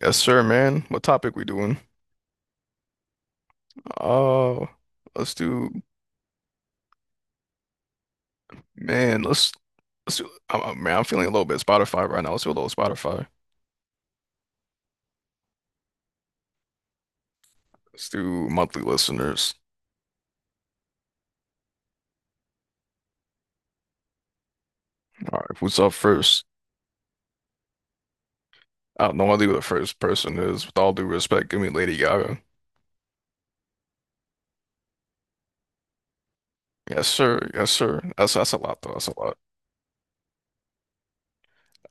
Yes, sir, man. What topic we doing? Oh, let's do, man. Let's do. Man, I'm feeling a little bit Spotify right now. Let's do a little Spotify. Let's do monthly listeners. All right, who's up first? I don't know who the first person is. With all due respect, give me Lady Gaga. Yes, sir. Yes, sir. That's a lot though. That's a lot.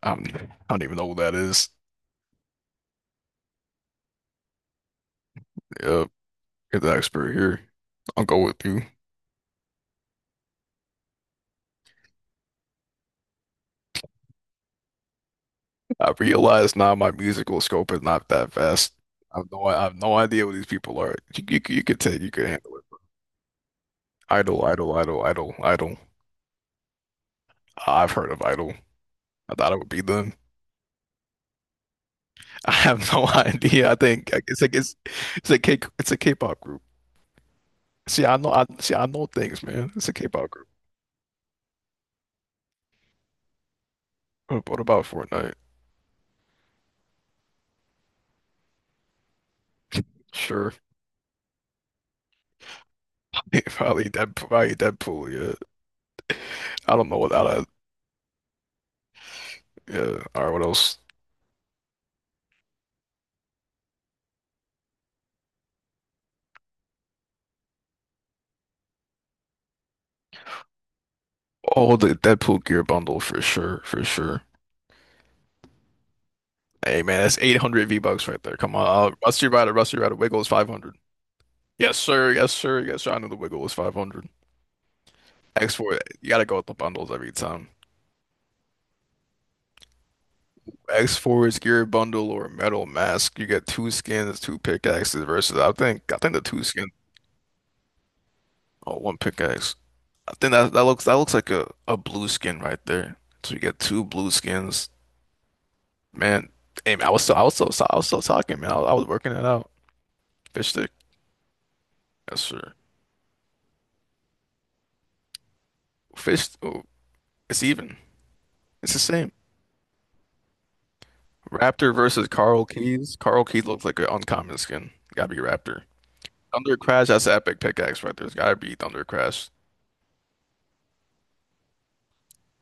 I don't even know who that is. Yeah, get the expert here. I'll go with you. I realize now my musical scope is not that vast. I have no idea what these people are. You could handle it. Idol, Idol, Idol, Idol, Idol. I've heard of Idol. I thought it would be them. I have no idea. I think it's like it's a K it's a K-pop group. See, I know things, man. It's a K-pop group. What about Fortnite? Sure, probably Deadpool. Yeah, I don't know what that. Yeah, all right. What else? Oh, the Deadpool gear bundle for sure, for sure. Hey man, that's 800 V-Bucks right there. Come on. Rusty Rider, Wiggle is 500. Yes, sir. Yes, sir. Yes, sir. I know the Wiggle is 500. X4, you gotta go with the bundles every time. X4 is gear bundle or metal mask. You get two skins, two pickaxes versus I think the two skin. Oh, one pickaxe. I think that looks like a blue skin right there. So you get two blue skins. Man, hey man, I was still I was still I was still talking, man. I was working it out. Fish stick. Yes, sir. Fish oh, it's even. It's the same. Raptor versus Carl Keys. Carl Keys looks like an uncommon skin. Gotta be Raptor. Thunder Crash, that's an epic pickaxe right there. It's gotta be Thunder Crash.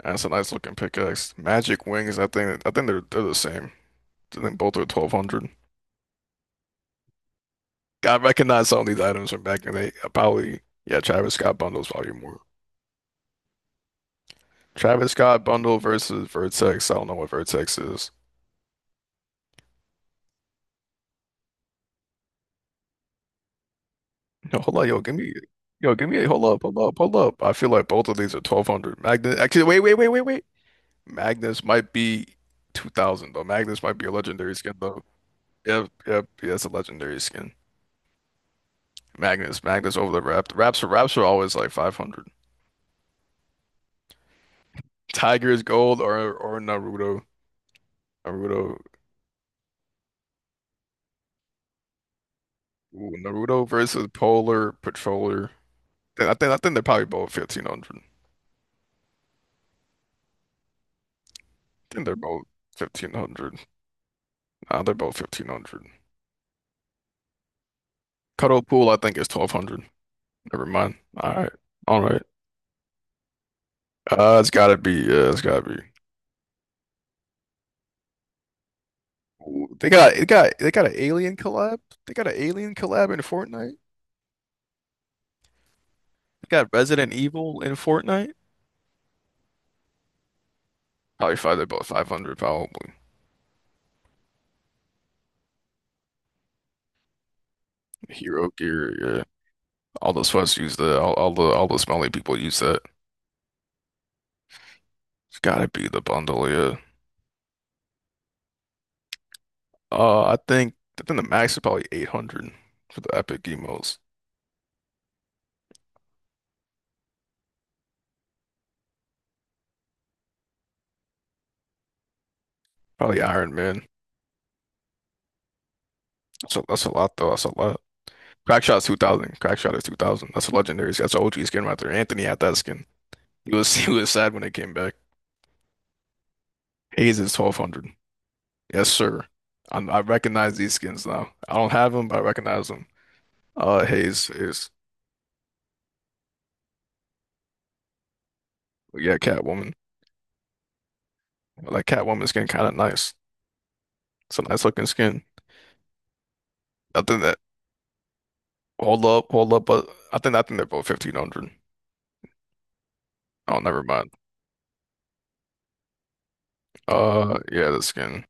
That's a nice looking pickaxe. Magic Wings, I think they're the same. I think both are 1200. I recognize some of these items from back in the day. Probably, yeah, Travis Scott bundles probably more. Travis Scott bundle versus Vertex. I don't know what Vertex is. Yo, hold on, yo, give me, hold up, hold up, hold up. I feel like both of these are 1200. Actually, wait, wait, wait, wait, wait. Magnus might be 2000 though. Magnus might be a legendary skin though. Yep, yep, yeah, it's a legendary skin. Magnus over the Rapt. Raps are always like 500. Tiger's Gold or Naruto, ooh, Naruto versus Polar Patroller. I think they're probably both 1500. I think they're both 1500. Nah, they're both 1500. Cuddle Pool I think is 1200. Never mind. All right, all right. It's gotta be. Yeah, it's gotta be. Ooh, they got an alien collab. They got an alien collab in Fortnite. They got Resident Evil in Fortnite. Probably five. They're both 500 probably. Hero Gear. Yeah. All those fuss use the all the smelly people use that. It's gotta be the bundle. Yeah. Uh, I think I think the max is probably 800 for the epic emotes. Probably Iron Man. That's a lot though. That's a lot. Crackshot's 2000. Crackshot is 2000. That's a legendary. That's an OG skin right there. Anthony had that skin. He was he was sad when it came back. Hayes is 1200. Yes, sir. I recognize these skins now. I don't have them, but I recognize them. Hayes is yeah, Catwoman. Like Catwoman skin, kind of nice. It's a nice looking skin. I think that hold up, but I think they're both 1500. Oh, never mind. Yeah, the skin.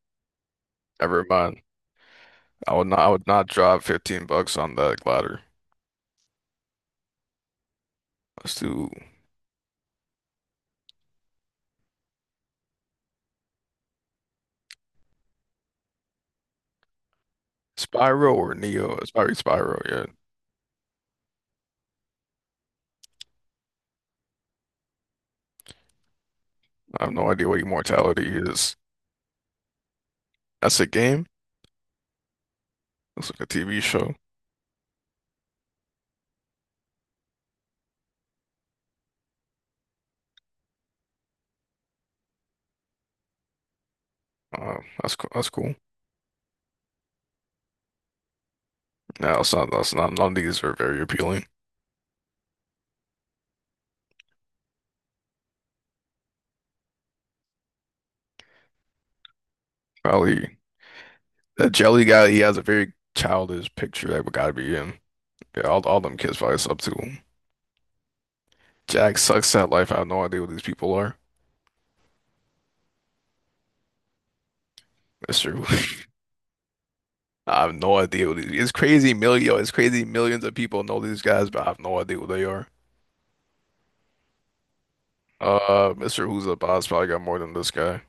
Never mind. I would not. I would not drop $15 on that glider. Let's do Spyro or Neo. It's probably Spyro. Yeah, I have no idea what Immortality is. That's a game. That's like a TV show. That's cool. No, it's not, that's not, none of these are very appealing. Probably that jelly guy, he has a very childish picture that would gotta be him. Yeah, all them kids probably up to him. Jack sucks at life. I have no idea what these people are. That's true. I have no idea it's crazy millions of people know these guys, but I have no idea what they are. Mr. Who's the Boss probably got more than this guy.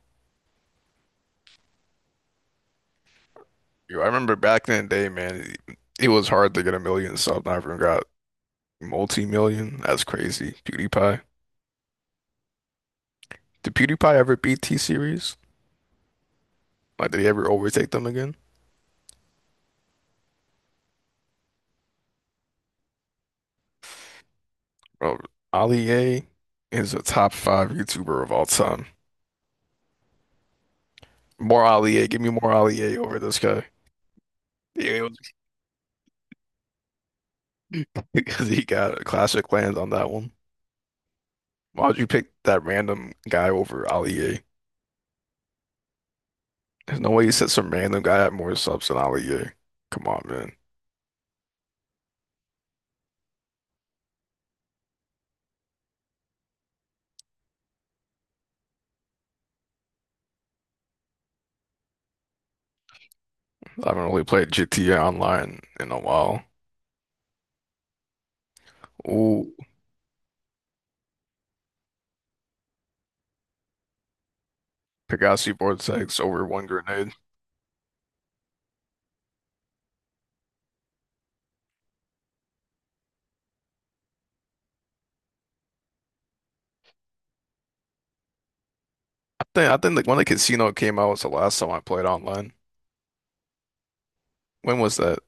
Yo, I remember back in the day, man, it was hard to get a million subs. I even got multi-million. That's crazy. PewDiePie. Did PewDiePie ever beat T-Series? Like, did he ever overtake them again? Bro, Ali A is a top five YouTuber of all time. More Ali A. Give me more Ali A over this guy. Yeah, because he got a classic land on that one. Why would you pick that random guy over Ali A? There's no way you said some random guy had more subs than Ali A. Come on, man. I haven't really played GTA Online in a while. Ooh, Pegasus Vortex over one grenade. I think like when the casino came out was the last time I played online. When was that?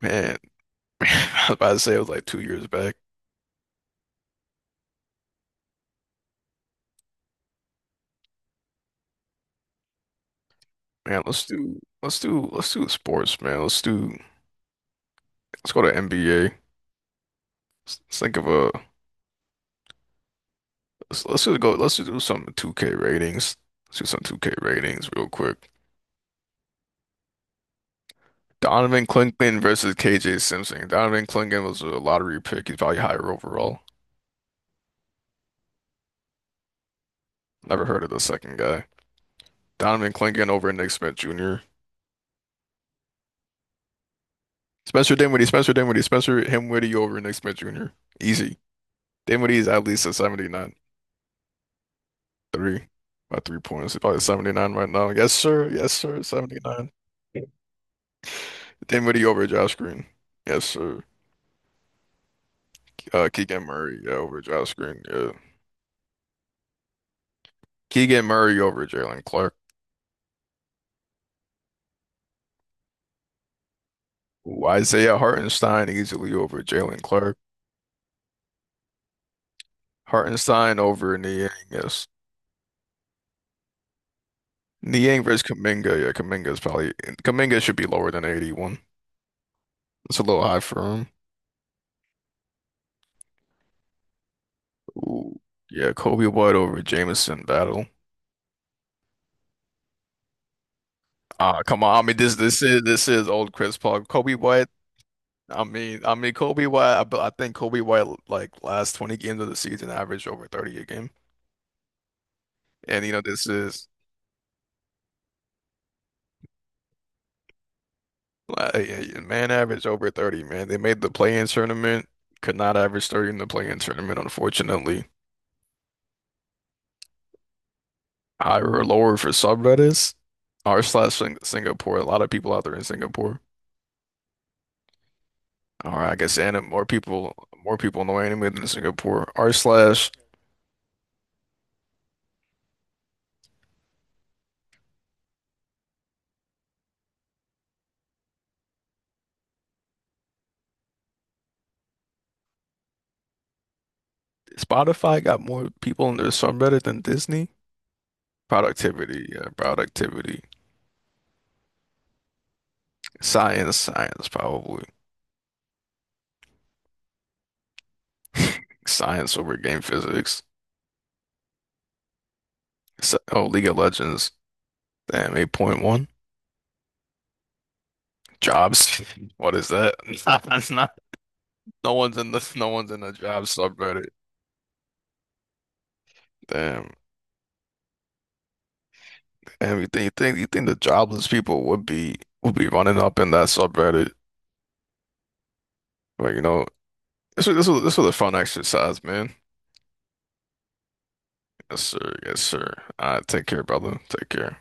Man. I was about to say it was like 2 years back. Man, let's do sports, man. Let's go to NBA. Let's think of a let's just go let's just do some 2K ratings. Let's do some 2K ratings real quick. Donovan Clinton versus KJ Simpson. Donovan Clinton was a lottery pick. He's probably higher overall. Never heard of the second guy. Donovan Clinton over Nick Smith Jr. Spencer Dinwiddie over Nick Smith Jr. Easy. Dinwiddie is at least a 79. Three. My 3 points. He's probably 79 right now. Yes, sir. Yes, sir. 79. Then Dinwiddie over Josh Green. Yes, sir. Keegan Murray, yeah, over Josh Green. Yeah. Keegan Murray over Jalen Clark. Ooh, Isaiah Hartenstein easily over Jalen Clark. Hartenstein over Niang, yes. Niang versus Kuminga. Yeah, Kuminga is probably Kuminga should be lower than 81. It's a little high for him. Ooh, yeah, Kobe White over Jameson battle. Ah, come on. I mean, this is old Chris Paul. Kobe White. But I think Kobe White like last 20 games of the season averaged over 30 a game, and you know this is like, yeah, yeah, man averaged over 30. Man, they made the play-in tournament, could not average 30 in the play-in tournament, unfortunately. Higher or lower for subreddits, r slash Singapore. A lot of people out there in Singapore. Or I guess anime, more people know anime than Singapore. R slash Spotify got more people in their subreddit than Disney. Productivity, yeah, productivity. Science, science, probably. Science over game physics. Oh, League of Legends. Damn, 8.1. Jobs. What is that? That's not. No one's in the job subreddit. Damn. And you think the jobless people would be running up in that subreddit. But you know, this was a fun exercise, man. Yes, sir. Yes, sir. All right, take care, brother. Take care.